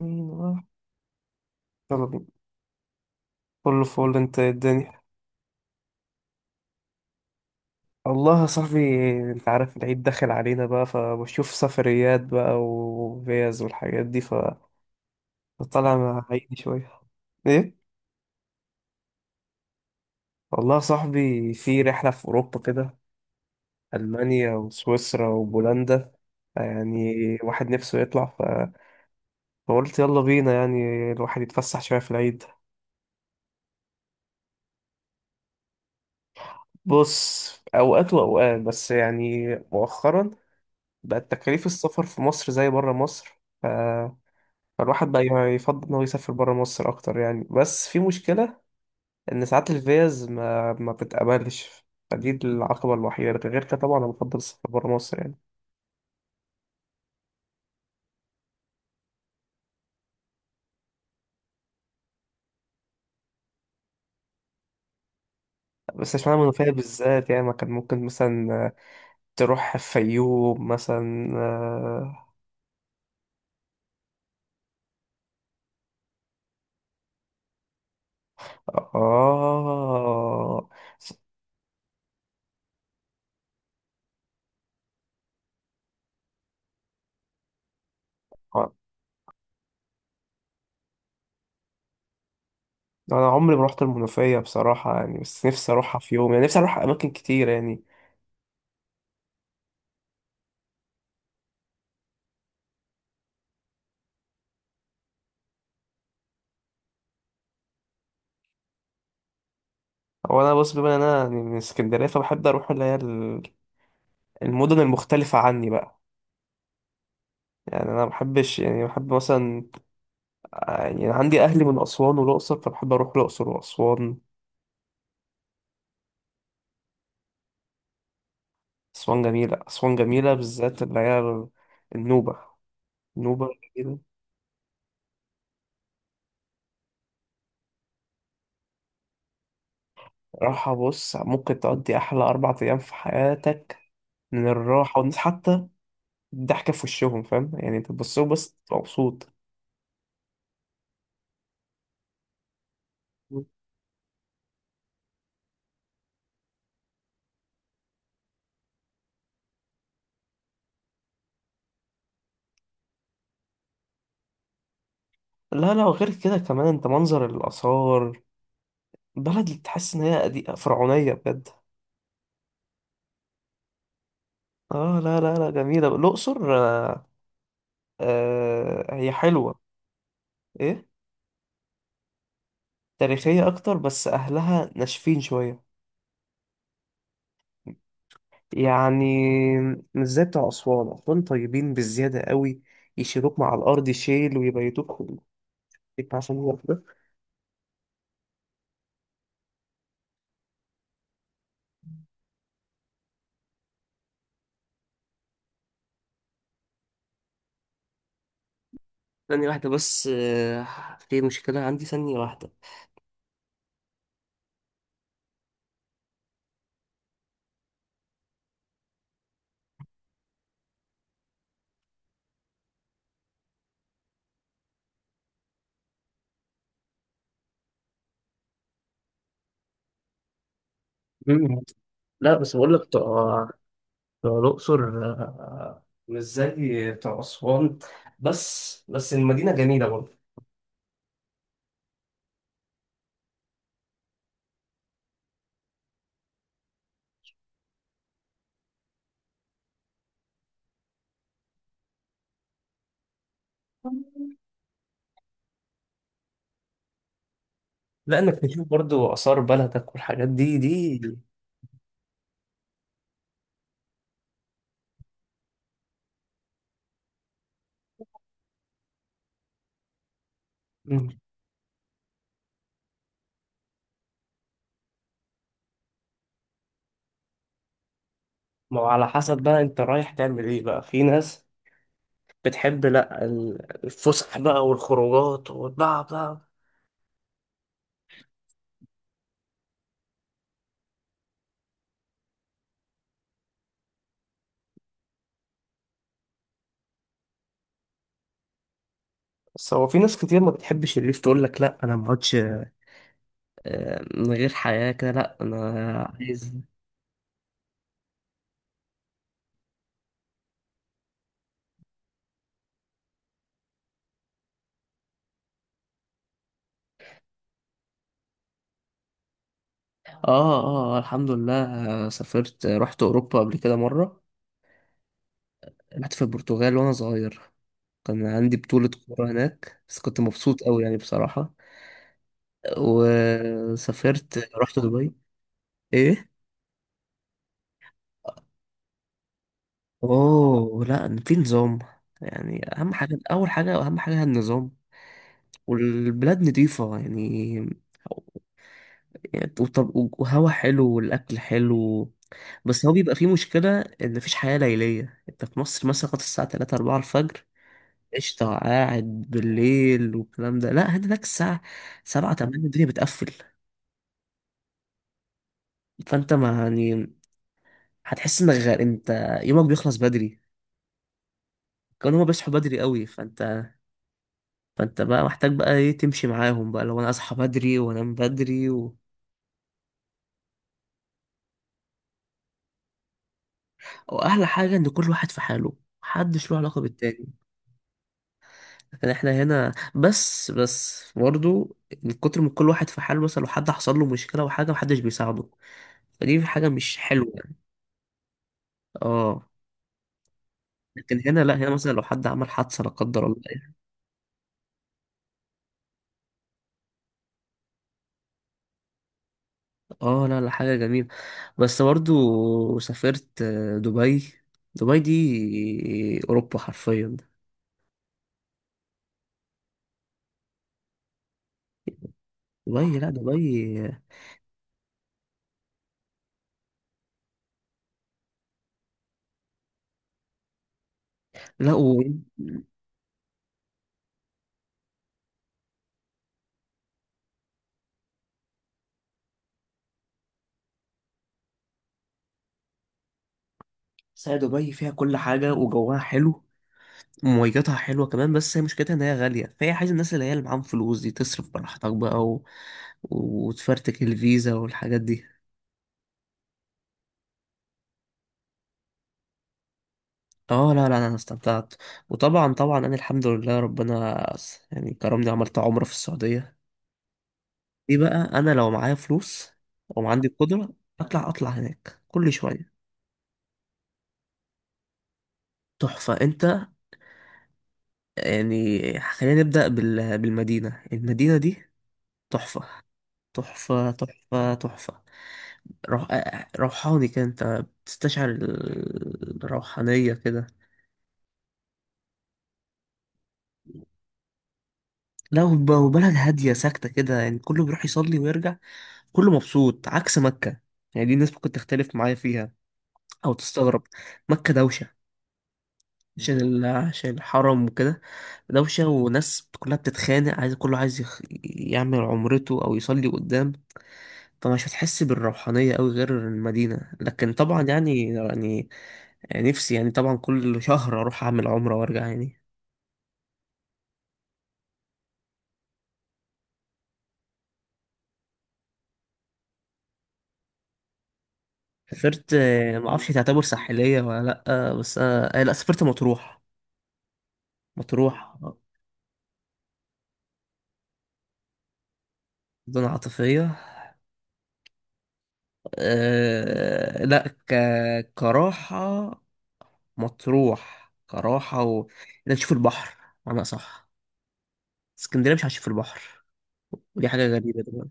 ايوه، يلا بينا. كله فول، انت إيه الدنيا؟ والله يا صاحبي، انت عارف العيد داخل علينا بقى، فبشوف سفريات بقى وفيز والحاجات دي فطلع مع عيدي شوية. ايه، والله يا صاحبي، في رحلة في أوروبا كده، ألمانيا وسويسرا وبولندا يعني. واحد نفسه يطلع فقلت يلا بينا يعني، الواحد يتفسح شوية في العيد. بص، أوقات وأوقات، بس يعني مؤخرا بقت تكاليف السفر في مصر زي برا مصر، فالواحد بقى يفضل إنه يسافر برا مصر أكتر يعني. بس في مشكلة إن ساعات الفيز ما بتتقبلش، فدي العقبة الوحيدة، لكن غير كده طبعا أنا بفضل السفر برا مصر يعني. بس عشان أنا منوفية بالذات، يعني ما كان ممكن مثلا تروح الفيوم مثلا. آه، آه، آه. أنا عمري ما رحت المنوفية بصراحة يعني، بس نفسي أروحها في يوم، يعني نفسي أروح أماكن كتير يعني. هو أنا بص، بما إن أنا يعني من اسكندرية، فبحب أروح اللي هي المدن المختلفة عني بقى. يعني انا ما بحبش، يعني بحب مثلا، يعني أنا عندي اهلي من اسوان والاقصر، فبحب اروح الاقصر واسوان. اسوان جميله، اسوان جميله بالذات اللي هي النوبه. النوبه جميله. راحه، بص ممكن تقضي احلى 4 ايام في حياتك من الراحه والناس، حتى الضحكه في وشهم، فاهم يعني انت تبص لهم بس تبقى مبسوط. لا لا، وغير كده كمان، انت منظر الاثار، بلد اللي تحس ان هي قديمة فرعونيه بجد. اه لا لا لا، جميله الاقصر. آه، آه هي حلوه. ايه، تاريخية أكتر، بس أهلها ناشفين شوية، يعني مش زي بتوع أسوان. أسوان طيبين بالزيادة قوي، يشيلوك مع الأرض شيل ويبيتوك في البيت عشان واحدة. ثانية واحدة بس، آه، في مشكلة عندي، ثانية واحدة. مم. لا، بس بقول لك بتوع، الأقصر، آه، مش زي بتوع أسوان. بس المدينة جميلة برضه. لأنك بتشوف برضه آثار بلدك والحاجات دي. دي ما هو على حسب بقى انت رايح تعمل ايه بقى. في ناس بتحب لا، الفسح بقى والخروجات، وبقى. بس هو في ناس كتير ما بتحبش الليف، تقول لك لا انا ما اقعدش، آه، من غير حياة كده، لا انا عايز. اه، اه الحمد لله. آه، سافرت، آه، رحت اوروبا قبل كده مرة. رحت في البرتغال وانا صغير، كان عندي بطولة كورة هناك، بس كنت مبسوط قوي يعني بصراحة. وسافرت رحت دبي. ايه، اوه لا، في نظام. يعني اهم حاجه، اول حاجه، اهم حاجه هي النظام. والبلاد نظيفه يعني. يعني وهوا حلو والاكل حلو. بس هو بيبقى فيه مشكله ان مفيش حياه ليليه. انت في مصر مثلا لغايه الساعه 3 4 الفجر قشطه قاعد بالليل والكلام ده. لا هناك الساعه 7 8 الدنيا بتقفل. فانت ما يعني، هتحس انك غير، انت يومك بيخلص بدري. كانوا هما بيصحوا بدري قوي. فانت بقى محتاج بقى ايه، تمشي معاهم بقى، لو انا اصحى بدري وانام بدري و... واحلى حاجه ان كل واحد في حاله، محدش له علاقه بالتاني. لكن احنا هنا، بس برضه، من كتر ما كل واحد في حاله، مثلا لو حد حصل له مشكله وحاجه، محدش بيساعده. فدي حاجه مش حلوه يعني. اه. لكن هنا لا، هنا مثلا لو حد عمل حادثه لا قدر الله يعني. اه لا لا، حاجه جميله. بس برضه سافرت، آه، دبي. دبي دي اوروبا حرفيا. دبي لا دبي. لا و... بس هي دبي فيها كل حاجة، وجوها حلو، ومواجهتها حلوة كمان. بس هي مشكلتها إن هي غالية، فهي عايزة الناس اللي هي اللي معاهم فلوس دي، تصرف براحتك بقى و... وتفرتك الفيزا والحاجات دي. اه لا لا، انا استمتعت. وطبعا طبعا انا الحمد لله ربنا يعني كرمني، عملت عمرة في السعودية. دي بقى، انا لو معايا فلوس وعندي قدرة، اطلع اطلع هناك كل شوية. تحفة انت، يعني خلينا نبدأ بالمدينة. المدينة دي تحفة. تحفة تحفة تحفة. روح... روحاني كده، انت بتستشعر الروحانية كده. لا، وبلد هادية ساكتة كده، يعني كله بيروح يصلي ويرجع، كله مبسوط عكس مكة. يعني دي الناس ممكن تختلف معايا فيها أو تستغرب. مكة دوشة، عشان الحرم وكده. دوشة وناس كلها بتتخانق، عايز كله، عايز يعمل عمرته أو يصلي قدام. فمش هتحس بالروحانية أوي غير المدينة. لكن طبعا يعني نفسي يعني طبعا كل شهر أروح أعمل عمرة وأرجع يعني. سافرت، آه، ما اعرفش تعتبر ساحليه ولا لا، آه، بس انا، آه، لا سافرت مطروح. مطروح مدن عاطفيه. أه لا، كراحه. مطروح كراحه و... انك تشوف البحر انا، صح. اسكندريه مش هتشوف البحر، ودي حاجه غريبه طبعا.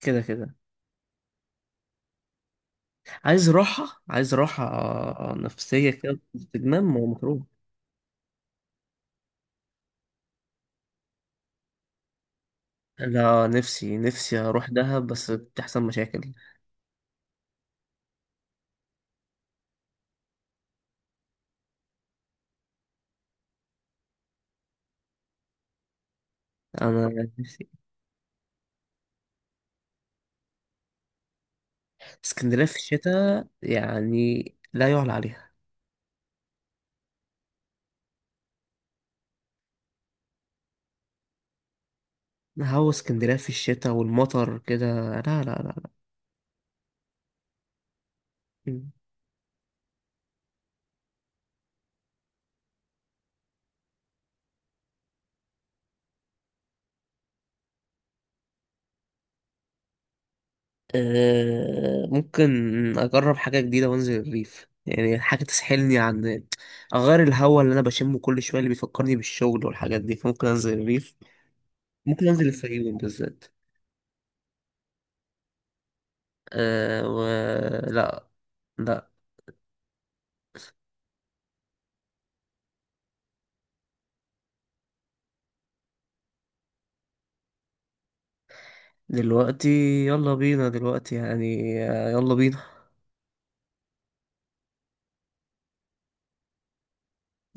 كده كده، عايز راحه، عايز راحه، آه، نفسيه كده استجمام، ومطروح. لا، نفسي نفسي اروح دهب، بس بتحصل مشاكل. انا اسكندرية في الشتاء يعني؟ لا يعلى عليها. هو اسكندرية في الشتاء والمطر كده، لا لا لا لا. م. أه ممكن أجرب حاجة جديدة وأنزل الريف، يعني حاجة تسحلني، عن، أغير الهوا اللي أنا بشمه كل شوية اللي بيفكرني بالشغل والحاجات دي، فممكن أنزل الريف. ممكن أنزل الفيوم بالذات. أه و... لا. لا. دلوقتي، يلا بينا دلوقتي يعني، آه، يلا بينا.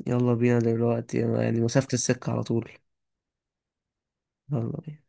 يلا بينا دلوقتي يعني، مسافة السكة على طول. يلا بينا